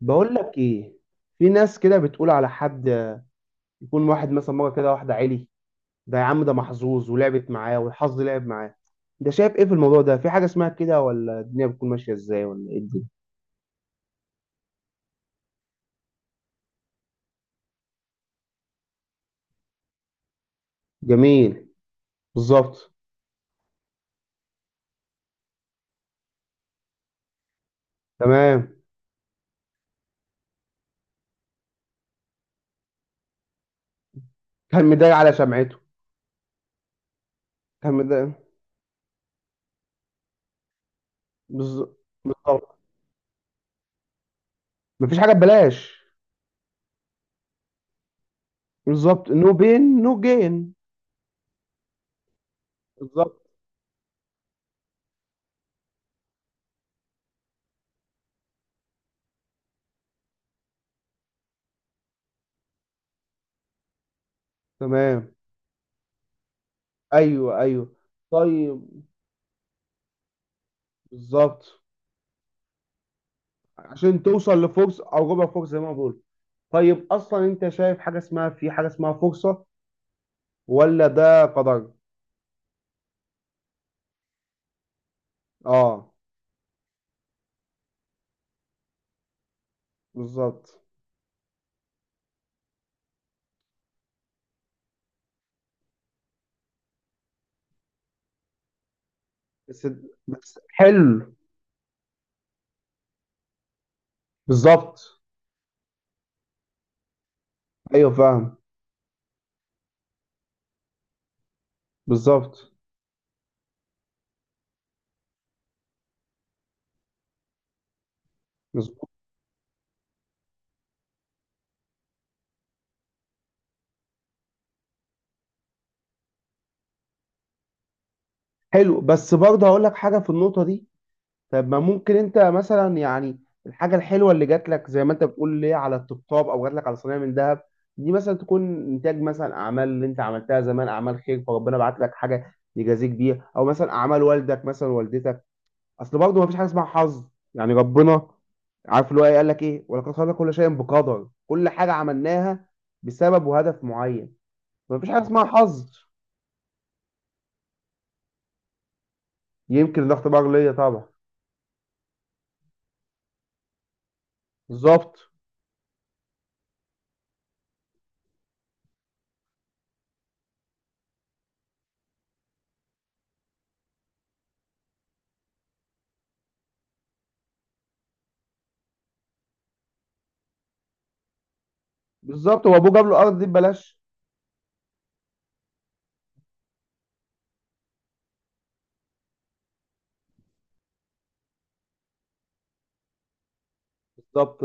بقول لك ايه؟ في ناس كده بتقول على حد يكون واحد مثلا مره كده واحده عالي، ده يا عم ده محظوظ ولعبت معاه والحظ لعب معاه. ده شايف ايه في الموضوع ده؟ في حاجه اسمها كده ولا الدنيا بتكون ماشيه ازاي ولا ايه الدنيا؟ جميل. بالظبط. تمام. كان مضايق على سمعته، كان مضايق. بالز- بالظبط. مفيش حاجه ببلاش. بالظبط، نو بين نو جين. بالظبط. تمام. ايوه ايوه. طيب. بالظبط، عشان توصل لفرصه او ربع فرصه زي ما بقول. طيب اصلا انت شايف حاجه اسمها، في حاجه اسمها فرصه ولا ده قدر؟ اه بالظبط. بس بس حلو. بالظبط. ايوه فاهم. بالظبط. مظبوط. حلو، بس برضه هقول لك حاجه في النقطه دي. طب ما ممكن انت مثلا يعني الحاجه الحلوه اللي جات لك زي ما انت بتقول ليه على الطبطاب او جات لك على صينيه من ذهب، دي مثلا تكون انتاج مثلا اعمال اللي انت عملتها زمان، اعمال خير، فربنا بعت لك حاجه يجازيك بيها، او مثلا اعمال والدك مثلا والدتك. اصل برضه ما فيش حاجه اسمها حظ. يعني ربنا عارف اللي هو ايه، قال لك ايه؟ ولقد خلقنا كل شيء بقدر. كل حاجه عملناها بسبب وهدف معين. ما فيش حاجه اسمها حظ. يمكن ده اختبار ليا طبعا. بالظبط. بالظبط، هو ابوه جاب له ارض دي ببلاش. بالظبط.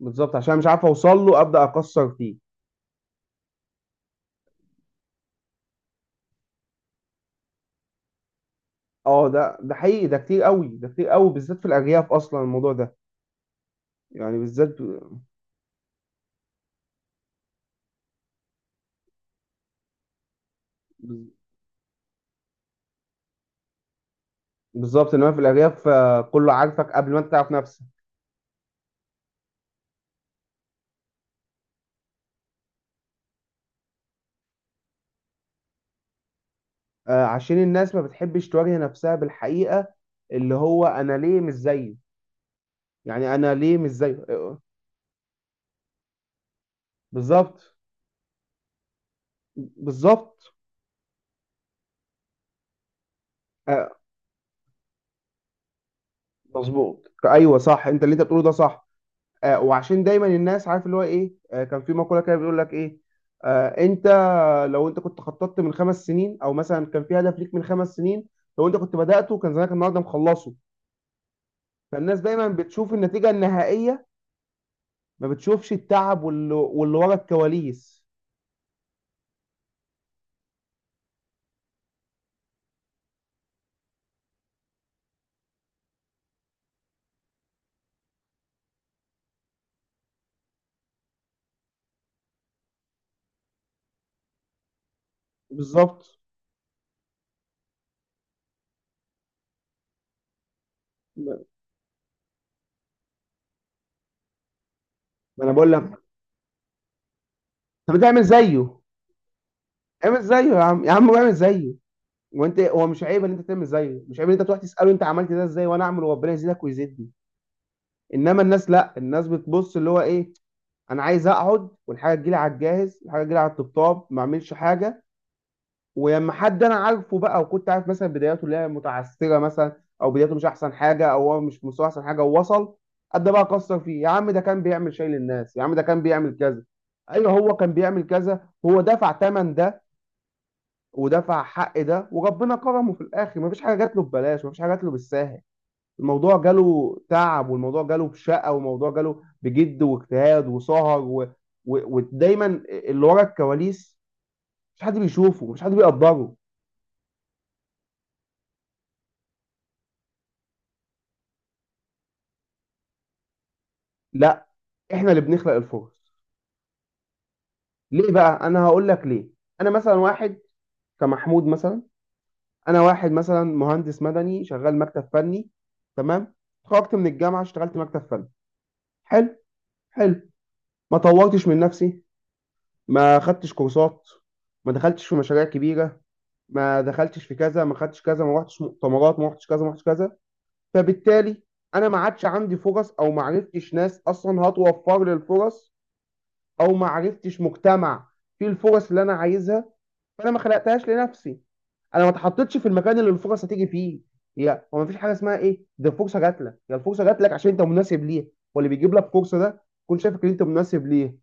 بالظبط، عشان مش عارف اوصل له ابدا اكسر فيه. اه ده حقيقي، ده كتير قوي، ده كتير قوي بالذات في الارياف اصلا الموضوع ده. يعني بالذات بالظبط. انما في الارياف كله عارفك قبل ما انت تعرف نفسك. عشان الناس ما بتحبش تواجه نفسها بالحقيقة، اللي هو أنا ليه مش زيه؟ يعني أنا ليه مش زيه؟ بالظبط. بالظبط آه، مظبوط، أيوه صح، أنت اللي أنت بتقوله ده صح. وعشان دايما الناس عارف اللي هو إيه، كان في مقولة كده بيقول لك إيه، أنت لو أنت كنت خططت من 5 سنين، أو مثلا كان في هدف ليك من 5 سنين، لو أنت كنت بدأته كان زمانك النهاردة مخلصه. فالناس دايما بتشوف النتيجة النهائية، ما بتشوفش التعب واللي ورا الكواليس. بالظبط. ما انا بقول لك، طب انت اعمل زيه. اعمل زيه يا عم، يا عم اعمل زيه. وانت هو مش عيب ان انت تعمل زيه، مش عيب ان انت تروح تساله انت عملت ده ازاي، وانا اعمل، وربنا يزيدك ويزيدني. انما الناس لا، الناس بتبص اللي هو ايه، انا عايز اقعد والحاجه تجيلي على الجاهز، الحاجه تجيلي على الطبطاب، ما اعملش حاجه. ولما حد انا عارفه بقى وكنت عارف مثلا بداياته اللي هي متعثره مثلا، او بداياته مش احسن حاجه، او هو مش في مستوى احسن حاجه ووصل، ابدا بقى اكسر فيه. يا عم ده كان بيعمل شيء للناس، يا عم ده كان بيعمل كذا. ايوه هو كان بيعمل كذا، هو دفع ثمن ده ودفع حق ده وربنا كرمه في الاخر. مفيش حاجه جات له ببلاش، مفيش حاجه جات له بالساهل. الموضوع جاله تعب، والموضوع جاله بشقه، والموضوع جاله بجد واجتهاد وسهر ودايما اللي ورا الكواليس مش حد بيشوفه، مش حد بيقدره. لا، احنا اللي بنخلق الفرص. ليه بقى؟ انا هقول لك ليه. انا مثلا واحد كمحمود مثلا، انا واحد مثلا مهندس مدني شغال مكتب فني، تمام؟ اتخرجت من الجامعه، اشتغلت مكتب فني، حلو، حلو. ما طورتش من نفسي، ما خدتش كورسات، ما دخلتش في مشاريع كبيرة، ما دخلتش في كذا، ما خدتش كذا، ما رحتش مؤتمرات، ما رحتش كذا، ما رحتش كذا. فبالتالي انا ما عادش عندي فرص، او ما عرفتش ناس اصلا هتوفر لي الفرص، او ما عرفتش مجتمع فيه الفرص اللي انا عايزها. فانا ما خلقتهاش لنفسي، انا ما اتحطيتش في المكان اللي الفرص هتيجي فيه. هي هو ما فيش حاجه اسمها ايه ده الفرصه جات لك، هي الفرصه جات لك عشان انت مناسب ليها، واللي بيجيب لك فرصه ده يكون شايفك ان انت مناسب ليه.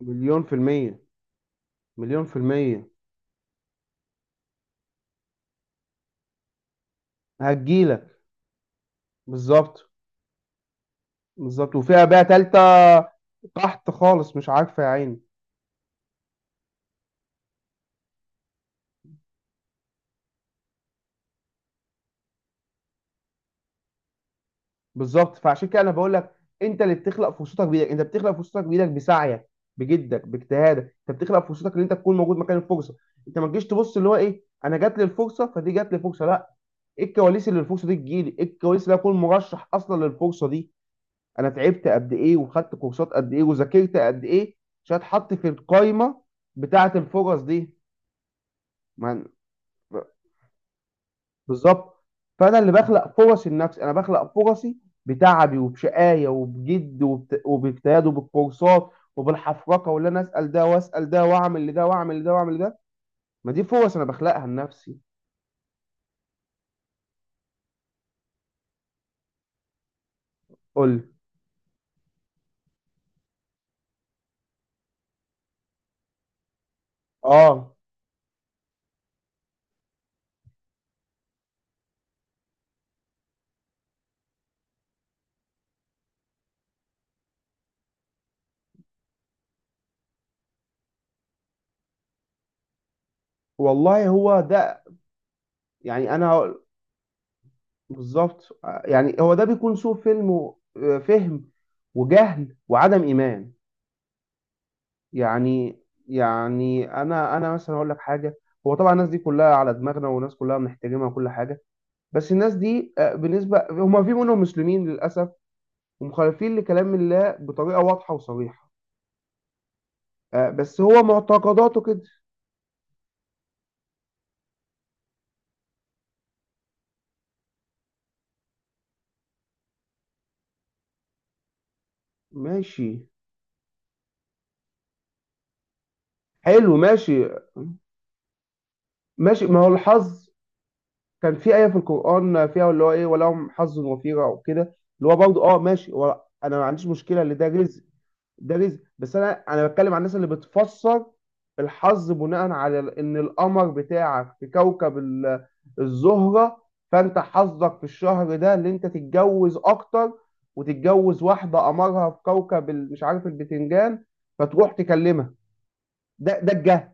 مليون في المية. مليون في المية. هتجيلك. بالظبط. بالظبط، وفيها بقى تالتة تحت خالص مش عارفة يا عيني. بالظبط، فعشان كده انا بقول لك انت اللي بتخلق فرصتك بايدك، انت بتخلق فرصتك بايدك بسعيك بجدك باجتهادك. انت بتخلق فرصتك ان انت تكون موجود مكان الفرصه. انت ما تجيش تبص اللي هو ايه انا جات لي الفرصه، فدي جات لي فرصه، لا. ايه الكواليس اللي الفرصه دي تجيلي؟ ايه الكواليس اللي اكون مرشح اصلا للفرصه دي؟ انا تعبت قد ايه، وخدت كورسات قد ايه، وذاكرت قد ايه، عشان اتحط في القايمه بتاعه الفرص دي. ما بالظبط. فانا اللي بخلق فرصي لنفسي، انا بخلق فرصي بتعبي وبشقايه وبجد وباجتهاد وبالكورسات وبالحفرقه، واللي انا اسال ده واسال ده واعمل لده واعمل لده واعمل لده. ما دي فرص انا بخلقها لنفسي. قول لي. اه. والله هو ده. يعني انا هقول- بالظبط. يعني هو ده بيكون سوء فهم و فهم وجهل وعدم ايمان. يعني يعني انا مثلا هقول لك حاجه. هو طبعا الناس دي كلها على دماغنا، والناس كلها بنحترمها وكل حاجه، بس الناس دي بالنسبة هما في منهم مسلمين للأسف، ومخالفين لكلام الله بطريقة واضحة وصريحة، بس هو معتقداته كده. ماشي. حلو ماشي. ماشي، ما هو الحظ كان في آية في القرآن فيها اللي هو إيه ولهم حظ وفيرة وكده. اللي هو برضه أه ماشي، هو أنا ما عنديش مشكلة اللي ده رزق، ده رزق. بس انا انا بتكلم عن الناس اللي بتفسر الحظ بناء على ان القمر بتاعك في كوكب الزهرة، فانت حظك في الشهر ده اللي انت تتجوز اكتر، وتتجوز واحدة قمرها في كوكب مش عارف البتنجان، فتروح تكلمها. ده الجهل.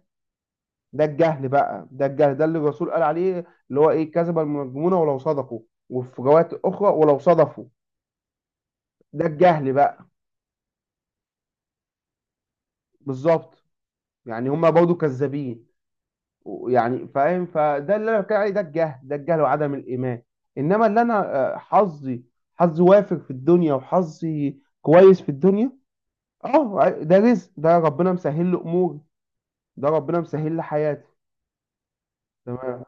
ده الجهل بقى، ده الجهل، ده اللي الرسول قال عليه اللي هو ايه، كذب المنجمون ولو صدقوا، وفي روايات اخرى ولو صدفوا. ده الجهل بقى. بالظبط. يعني هما برضو كذابين. يعني فاهم، فده اللي انا بتكلم عليه، ده الجهل، ده الجهل وعدم الايمان. انما اللي انا حظي، حظي وافر في الدنيا، وحظي كويس في الدنيا، اه ده رزق، ده ربنا مسهل له اموري، ده ربنا مسهل لي حياتي. تمام.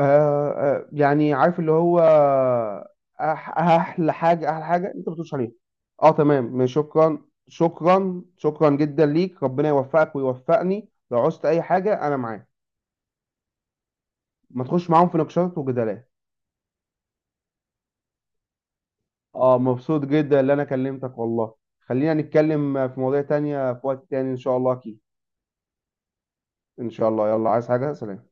آه آه، يعني عارف اللي هو أح- احلى حاجه، احلى حاجه انت ما بتقولش عليها. اه تمام، شكرا شكرا شكرا جدا ليك، ربنا يوفقك ويوفقني، لو عوزت اي حاجه انا معاك. ما تخش معاهم في نقاشات وجدالات. اه مبسوط جدا اللي انا كلمتك والله. خلينا نتكلم في مواضيع تانية في وقت تاني ان شاء الله، اكيد. ان شاء الله، يلا، عايز حاجة؟ سلام.